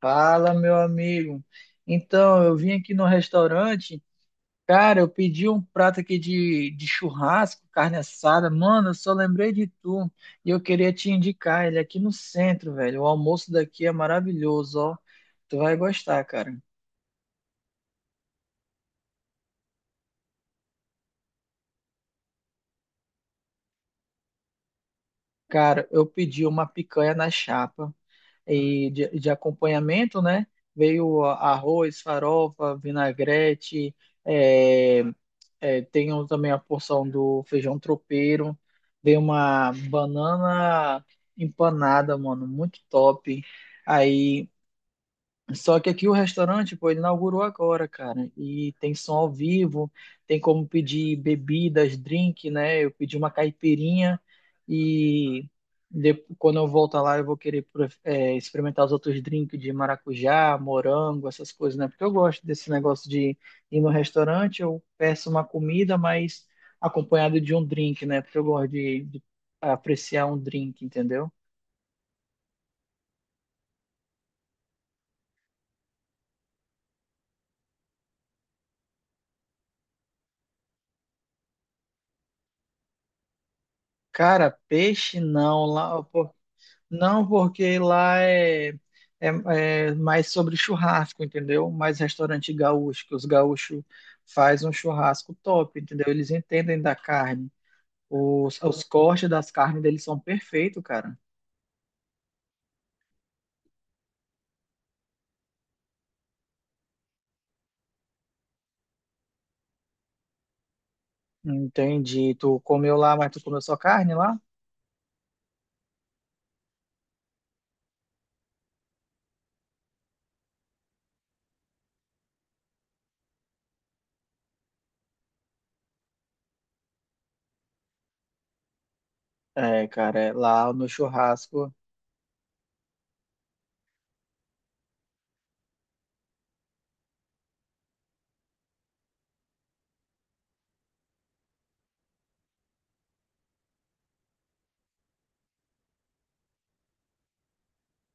Fala, meu amigo. Então, eu vim aqui no restaurante, cara, eu pedi um prato aqui de churrasco, carne assada. Mano, eu só lembrei de tu e eu queria te indicar ele é aqui no centro, velho. O almoço daqui é maravilhoso, ó. Tu vai gostar, cara. Cara, eu pedi uma picanha na chapa e de acompanhamento, né? Veio arroz, farofa, vinagrete, é, É, tem também a porção do feijão tropeiro. Dei uma banana empanada, mano, muito top. Aí. Só que aqui o restaurante, pô, ele inaugurou agora, cara. E tem som ao vivo, tem como pedir bebidas, drink, né? Eu pedi uma caipirinha e quando eu voltar lá eu vou querer experimentar os outros drinks de maracujá, morango, essas coisas, né? Porque eu gosto desse negócio de ir no restaurante, eu peço uma comida, mas acompanhado de um drink, né? Porque eu gosto de apreciar um drink, entendeu? Cara, peixe não, lá, não, porque lá é, é mais sobre churrasco, entendeu? Mais restaurante gaúcho, que os gaúchos fazem um churrasco top, entendeu? Eles entendem da carne. Os cortes das carnes deles são perfeitos, cara. Entendi. Tu comeu lá, mas tu comeu só carne lá? É, cara, é, lá no churrasco.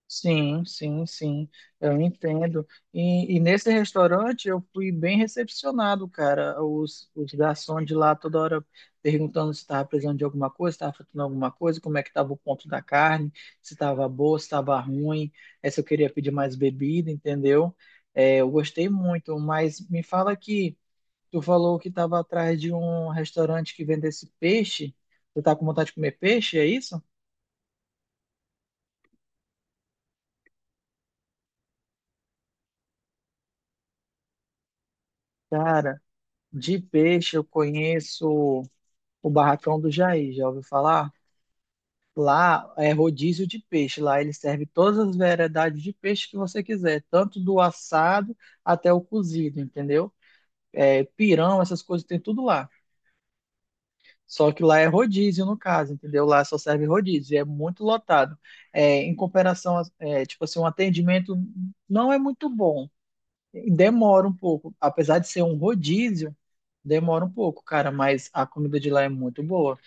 Sim, sim, sim, eu entendo. E nesse restaurante eu fui bem recepcionado, cara. Os garçons de lá toda hora perguntando se estava precisando de alguma coisa, se estava faltando alguma coisa, como é que estava o ponto da carne, se estava boa, se estava ruim, se eu queria pedir mais bebida, entendeu? Eu gostei muito, mas me fala que tu falou que estava atrás de um restaurante que vendesse peixe. Tu tá com vontade de comer peixe, é isso? Cara, de peixe eu conheço. O barracão do Jair, já ouviu falar? Lá é rodízio de peixe. Lá ele serve todas as variedades de peixe que você quiser, tanto do assado até o cozido, entendeu? É, pirão, essas coisas tem tudo lá. Só que lá é rodízio, no caso, entendeu? Lá só serve rodízio, e é muito lotado. É, em comparação, tipo assim, um atendimento não é muito bom. Demora um pouco. Apesar de ser um rodízio, demora um pouco, cara, mas a comida de lá é muito boa.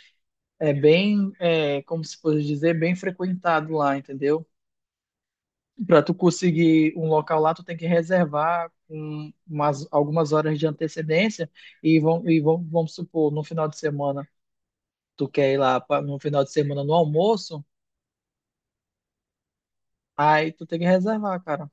É bem, é, como se fosse dizer, bem frequentado lá, entendeu? Para tu conseguir um local lá, tu tem que reservar com umas, algumas horas de antecedência e, vamos supor, no final de semana, tu quer ir lá pra, no final de semana no almoço, aí tu tem que reservar, cara.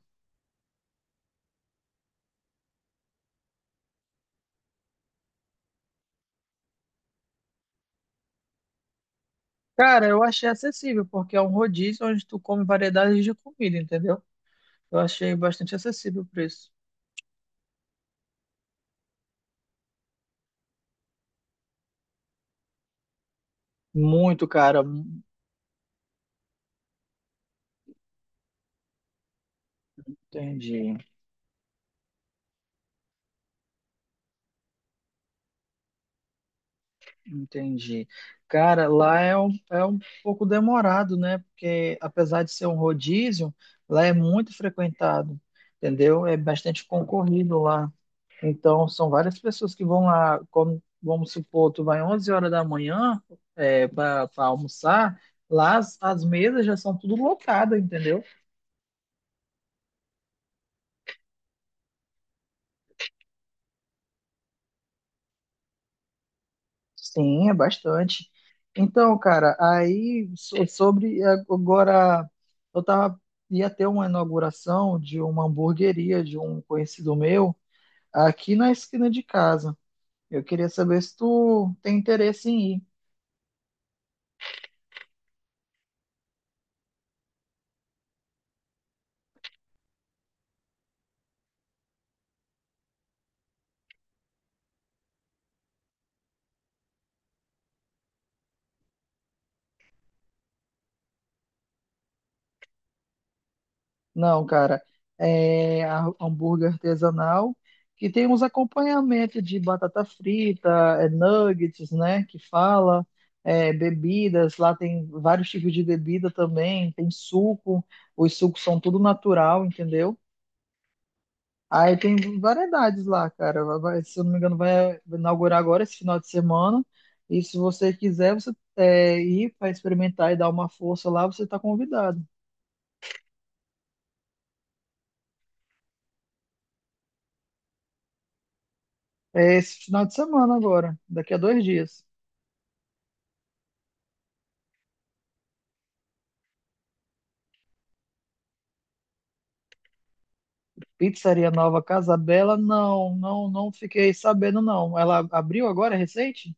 Cara, eu achei acessível, porque é um rodízio onde tu come variedades de comida, entendeu? Eu achei bastante acessível o preço. Muito, cara. Entendi. Entendi. Cara, lá é um pouco demorado, né? Porque apesar de ser um rodízio, lá é muito frequentado, entendeu? É bastante concorrido lá. Então, são várias pessoas que vão lá, como, vamos supor, tu vai 11 horas da manhã para almoçar, lá as mesas já são tudo lotadas, entendeu? Sim, é bastante. Então, cara, aí sobre agora, eu tava, ia ter uma inauguração de uma hamburgueria de um conhecido meu aqui na esquina de casa. Eu queria saber se tu tem interesse em ir. Não, cara. É hambúrguer artesanal que tem uns acompanhamentos de batata frita, é, nuggets, né? Que fala, é, bebidas. Lá tem vários tipos de bebida também. Tem suco. Os sucos são tudo natural, entendeu? Aí tem variedades lá, cara. Se eu não me engano, vai inaugurar agora esse final de semana. E se você quiser, você ir para experimentar e dar uma força lá, você está convidado. É esse final de semana agora, daqui a dois dias. Pizzaria Nova Casa Bela, não, não fiquei sabendo, não. Ela abriu agora, é recente?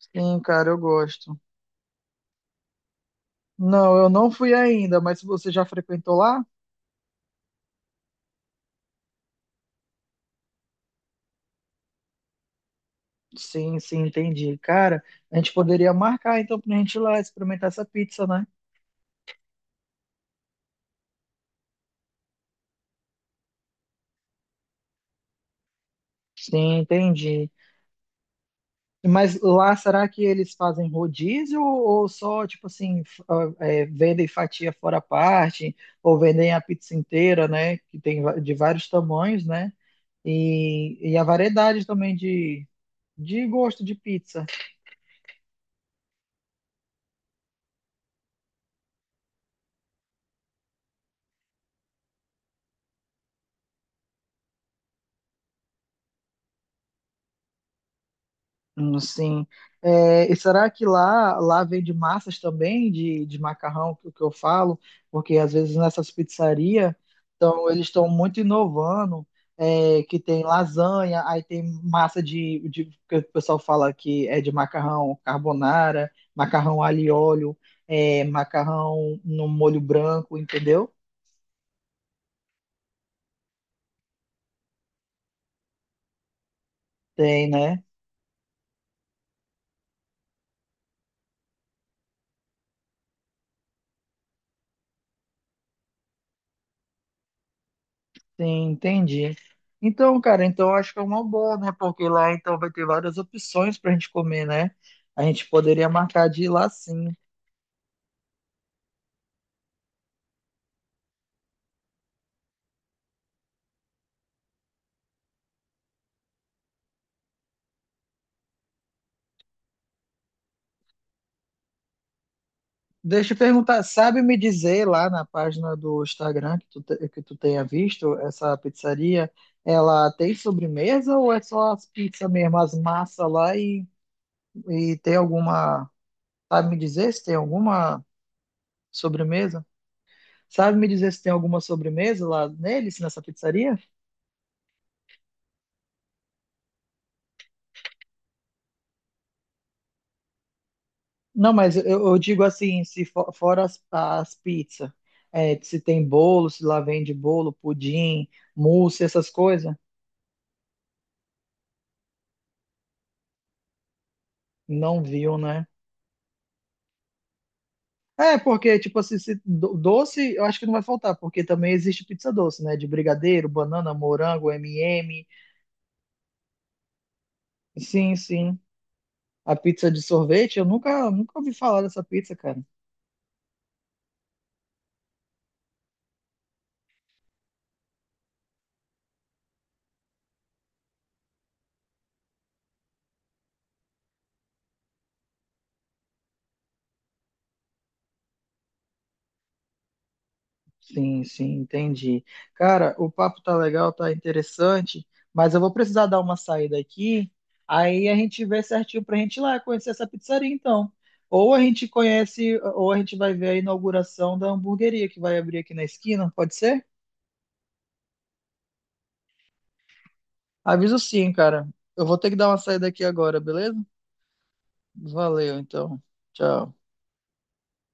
Sim, cara, eu gosto. Não, eu não fui ainda, mas se você já frequentou lá? Sim, sim, entendi. Cara, a gente poderia marcar então pra gente ir lá experimentar essa pizza, né? Sim, entendi. Mas lá será que eles fazem rodízio ou só, tipo assim, vendem fatia fora a parte, ou vendem a pizza inteira, né? Que tem de vários tamanhos, né? E a variedade também de gosto de pizza. Sim. É, e será que lá, lá vende massas também de macarrão, que eu falo? Porque às vezes nessas pizzarias, então, eles estão muito inovando, é, que tem lasanha, aí tem massa que o pessoal fala que é de macarrão carbonara, macarrão alho e óleo, é, macarrão no molho branco, entendeu? Tem, né? Sim, entendi. Então, cara, então eu acho que é uma boa, né? Porque lá então vai ter várias opções pra gente comer, né? A gente poderia marcar de ir lá sim. Deixa eu perguntar, sabe me dizer lá na página do Instagram que que tu tenha visto essa pizzaria, ela tem sobremesa ou é só as pizzas mesmo, as massas lá e tem alguma, sabe me dizer se tem alguma sobremesa? Sabe me dizer se tem alguma sobremesa lá neles, nessa pizzaria? Não, mas eu digo assim, se for, fora as pizzas, é, se tem bolo, se lá vende bolo, pudim, mousse, essas coisas, não viu, né? É, porque, tipo assim, se doce, eu acho que não vai faltar, porque também existe pizza doce, né? De brigadeiro, banana, morango, M&M. Sim, sim. A pizza de sorvete, eu nunca, nunca ouvi falar dessa pizza, cara. Sim, sim, entendi. Cara, o papo tá legal, tá interessante, mas eu vou precisar dar uma saída aqui. Aí a gente vê certinho pra gente ir lá conhecer essa pizzaria, então. Ou a gente conhece, ou a gente vai ver a inauguração da hamburgueria que vai abrir aqui na esquina, pode ser? Aviso sim, cara. Eu vou ter que dar uma saída aqui agora, beleza? Valeu, então. Tchau.